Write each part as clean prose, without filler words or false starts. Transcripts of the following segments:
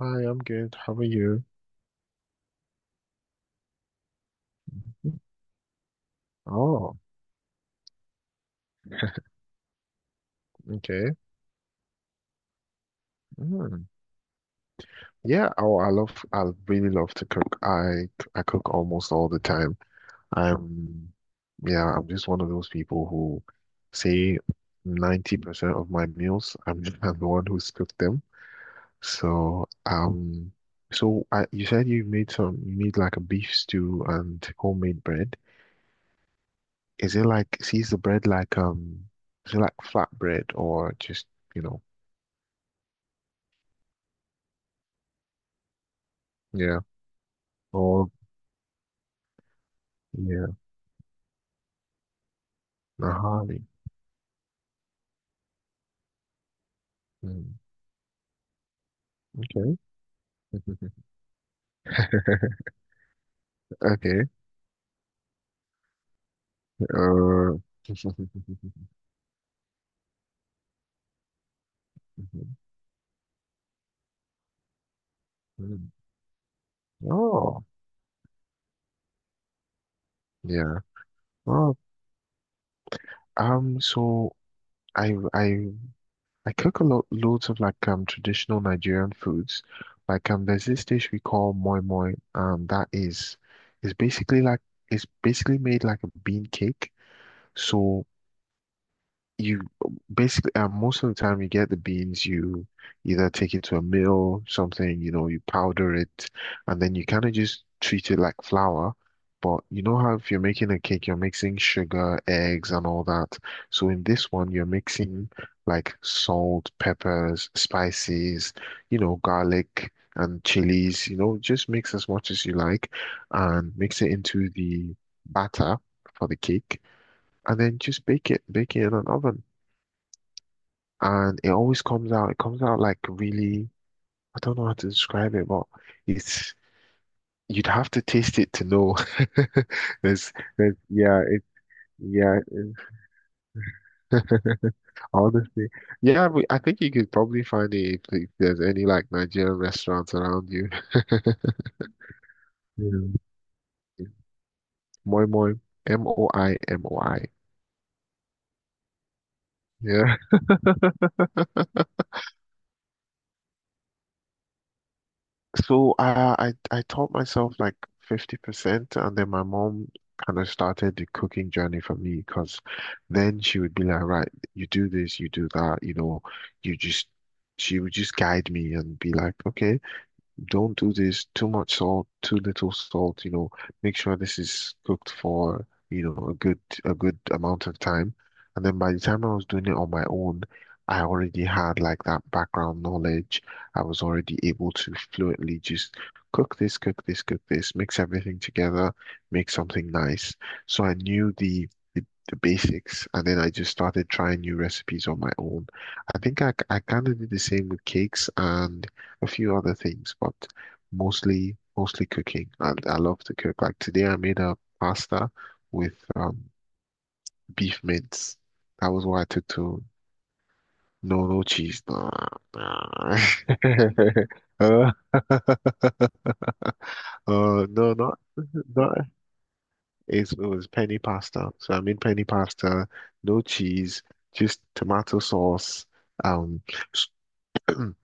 Hi, I'm good. How are you? Oh, okay. Mm. Yeah. Oh, I love. I really love to cook. I cook almost all the time. I'm, yeah. I'm just one of those people who say 90% of my meals, I'm, I'm the one who's cooked them. So um, so I, you said you made some. You made like a beef stew and homemade bread. Is it like? See, Is the bread like? Is it like flat bread or just you know? Yeah. Or Yeah, Nahali. Mm, okay. Okay. Uh, Mhm. Oh, yeah. Well, so I I I cook a lot loads of like traditional Nigerian foods. Like there's this dish we call moi moi. That is basically like it's basically made like a bean cake. So you basically most of the time you get the beans you either take it to a mill something, you know, you powder it, and then you kind of just treat it like flour. But you know how if you're making a cake, you're mixing sugar, eggs and all that? So in this one, you're mixing like salt, peppers, spices, you know, garlic and chilies, you know, just mix as much as you like, and mix it into the batter for the cake, and then just bake it in an oven. And it always comes out. It comes out like really, I don't know how to describe it, but it's you'd have to taste it to know. There's, there's, yeah, it- honestly, yeah. I think you could probably find it if there's any like Nigerian restaurants around you. Yeah. Moi moi, MOIMOI. Yeah. So I taught myself like 50%, and then my mom kind of started the cooking journey for me. Because then she would be like, right, you do this, you do that, you know, you just she would just guide me and be like, okay, don't do this, too much salt, too little salt, you know, make sure this is cooked for, you know, a good amount of time. And then by the time I was doing it on my own, I already had like that background knowledge. I was already able to fluently just cook this, cook this, cook this, mix everything together, make something nice. So I knew the, the basics, and then I just started trying new recipes on my own. I think I kind of did the same with cakes and a few other things, but mostly cooking. And I love to cook. Like today, I made a pasta with beef mince. That was what I took to no no cheese. Nah, nah. Uh, uh, no, not not. It was penny pasta. So I made penny pasta, no cheese, just tomato sauce. Um,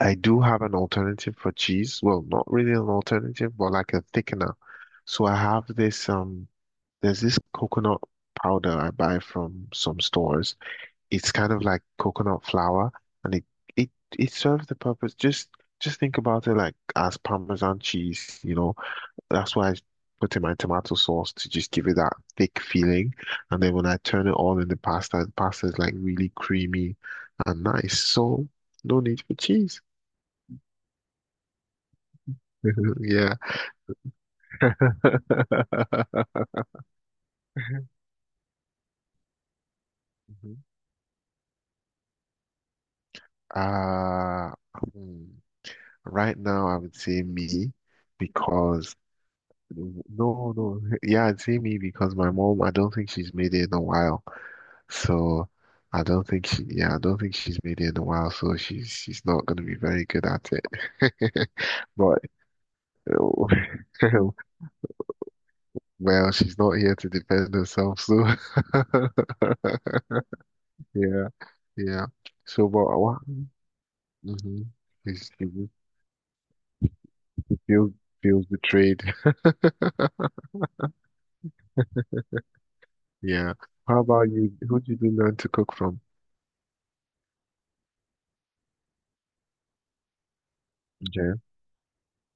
I do have an alternative for cheese. Well, not really an alternative, but like a thickener. So I have this. There's this coconut powder I buy from some stores. It's kind of like coconut flour, and it it serves the purpose. Just think about it like as Parmesan cheese, you know. That's why I put in my tomato sauce to just give it that thick feeling. And then when I turn it all in the pasta is like really creamy and nice. So no need for cheese. Yeah. Mhm. Uh, hmm. Right now, I would say me because no, no, yeah, I'd say me because my mom, I don't think she's made it in a while. So I don't think she, yeah, I don't think she's made it in a while. So she's not going to be very good at it. But oh, well, she's not here to defend herself. So yeah, yeah. So, but what? Mm-hmm. He feels feels betrayed. Yeah. How about you? Who did you learn to cook from? Okay.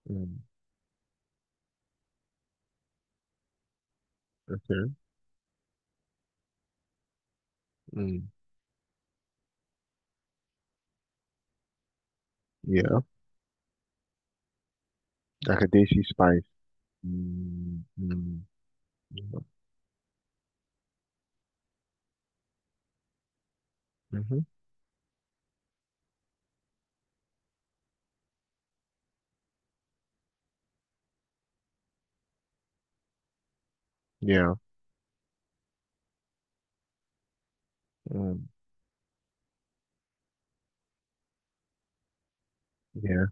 Mm, okay. Mm, yeah. Like a Daisy spice. Mm, mm, mm-hmm. Yeah. Mm, yeah.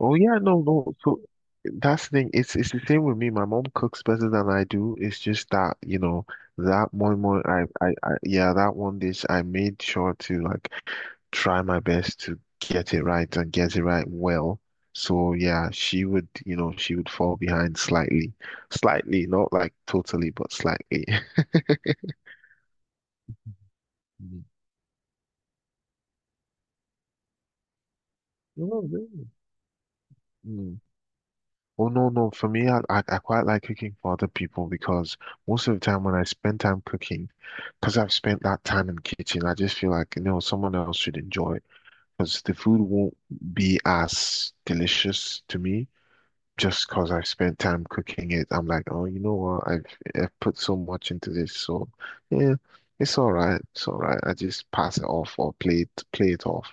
Oh yeah, no, no. So that's the thing. It's the same with me. My mom cooks better than I do. It's just that, you know, that moi moi I yeah, that one dish I made sure to like try my best to get it right and get it right well. So yeah, she would, you know, she would fall behind slightly. Slightly, not like totally, but slightly. Mm. Oh, really? Mm. Oh no, no. For me, I quite like cooking for other people, because most of the time when I spend time cooking, because I've spent that time in the kitchen, I just feel like, you know, someone else should enjoy it, because the food won't be as delicious to me just because I've spent time cooking it. I'm like, oh, you know what? I've put so much into this, so yeah, it's all right. It's all right. I just pass it off or play it off.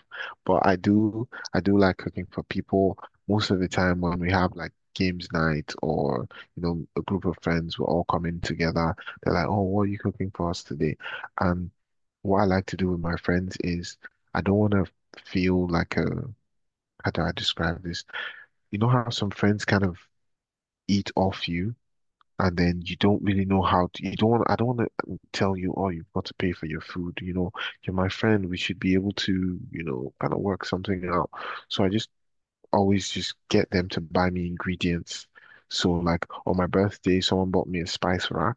But I do like cooking for people. Most of the time when we have like games night or you know a group of friends, we're all coming together. They're like, oh, what are you cooking for us today? And what I like to do with my friends is I don't want to feel like a how do I describe this? You know how some friends kind of eat off you, and then you don't really know how to, you don't want, I don't want to tell you, oh, you've got to pay for your food. You know, you're my friend. We should be able to, you know, kind of work something out. So I just always just get them to buy me ingredients. So like on my birthday, someone bought me a spice rack.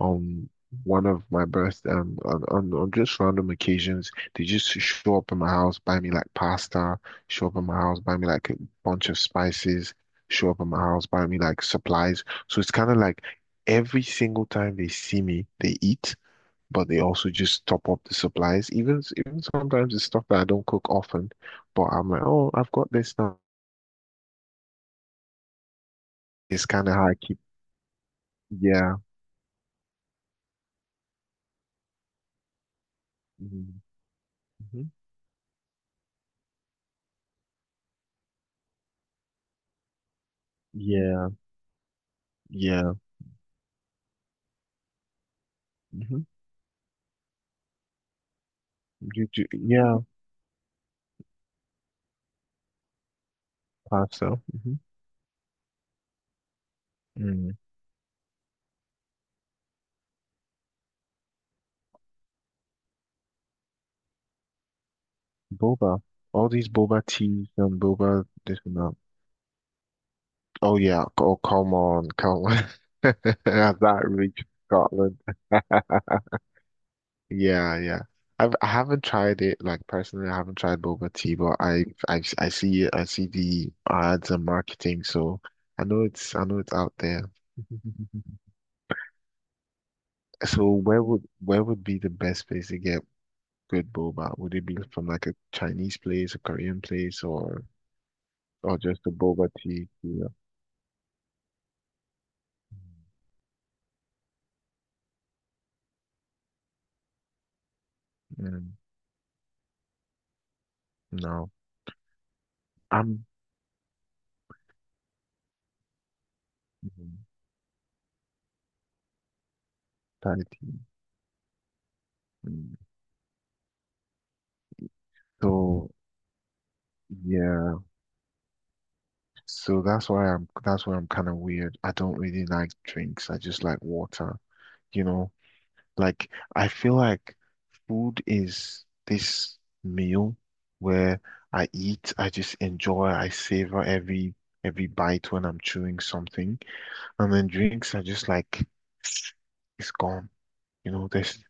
On one of my birth on just random occasions, they just show up in my house, buy me like pasta, show up in my house, buy me like a bunch of spices, show up in my house, buy me like supplies. So it's kind of like every single time they see me, they eat. But they also just top up the supplies, even even sometimes it's stuff that I don't cook often. But I'm like, oh, I've got this now. It's kind of how I keep, yeah, hmm hmm yeah, yeah, hmm You do, yeah, pasta, hmm mm. Boba, all these boba teas and boba this and that. Oh yeah, oh come on, come on, that reached Scotland? Yeah, yeah. I haven't tried it like personally. I haven't tried boba tea, but I see it. I see the ads and marketing, so I know it's out there. So where would be the best place to get good boba? Would it be from like a Chinese place, a Korean place, or just a boba tea? Yeah. Mm, no, I'm mm, Thai tea. Mm. So yeah, so that's why I'm kind of weird. I don't really like drinks. I just like water, you know. Like, I feel like food is this meal where I eat, I just enjoy, I savor every bite when I'm chewing something. And then drinks are just like it's gone. You know, there's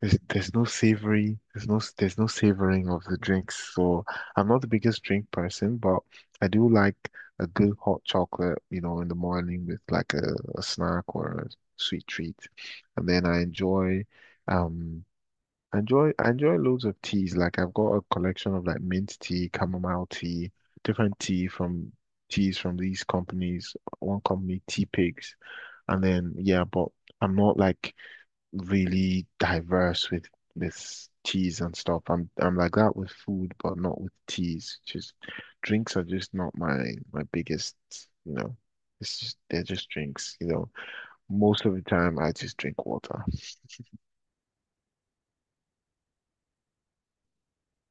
there's there's no savory, there's no savoring of the drinks. So I'm not the biggest drink person, but I do like a good hot chocolate, you know, in the morning with like a snack or a sweet treat. And then um I enjoy loads of teas. Like I've got a collection of like mint tea, chamomile tea, different tea from teas from these companies. One company, Tea Pigs, and then yeah, but I'm not like really diverse with this teas and stuff. I'm like that with food, but not with teas. Just drinks are just not my my biggest, you know. It's just they're just drinks, you know. Most of the time, I just drink water.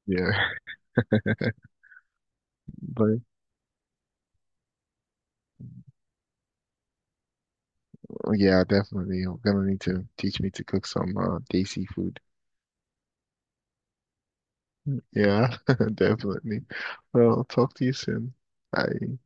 Yeah. But yeah, definitely. I'm gonna need to teach me to cook some desi food. Yeah, definitely. Well, talk to you soon. Bye.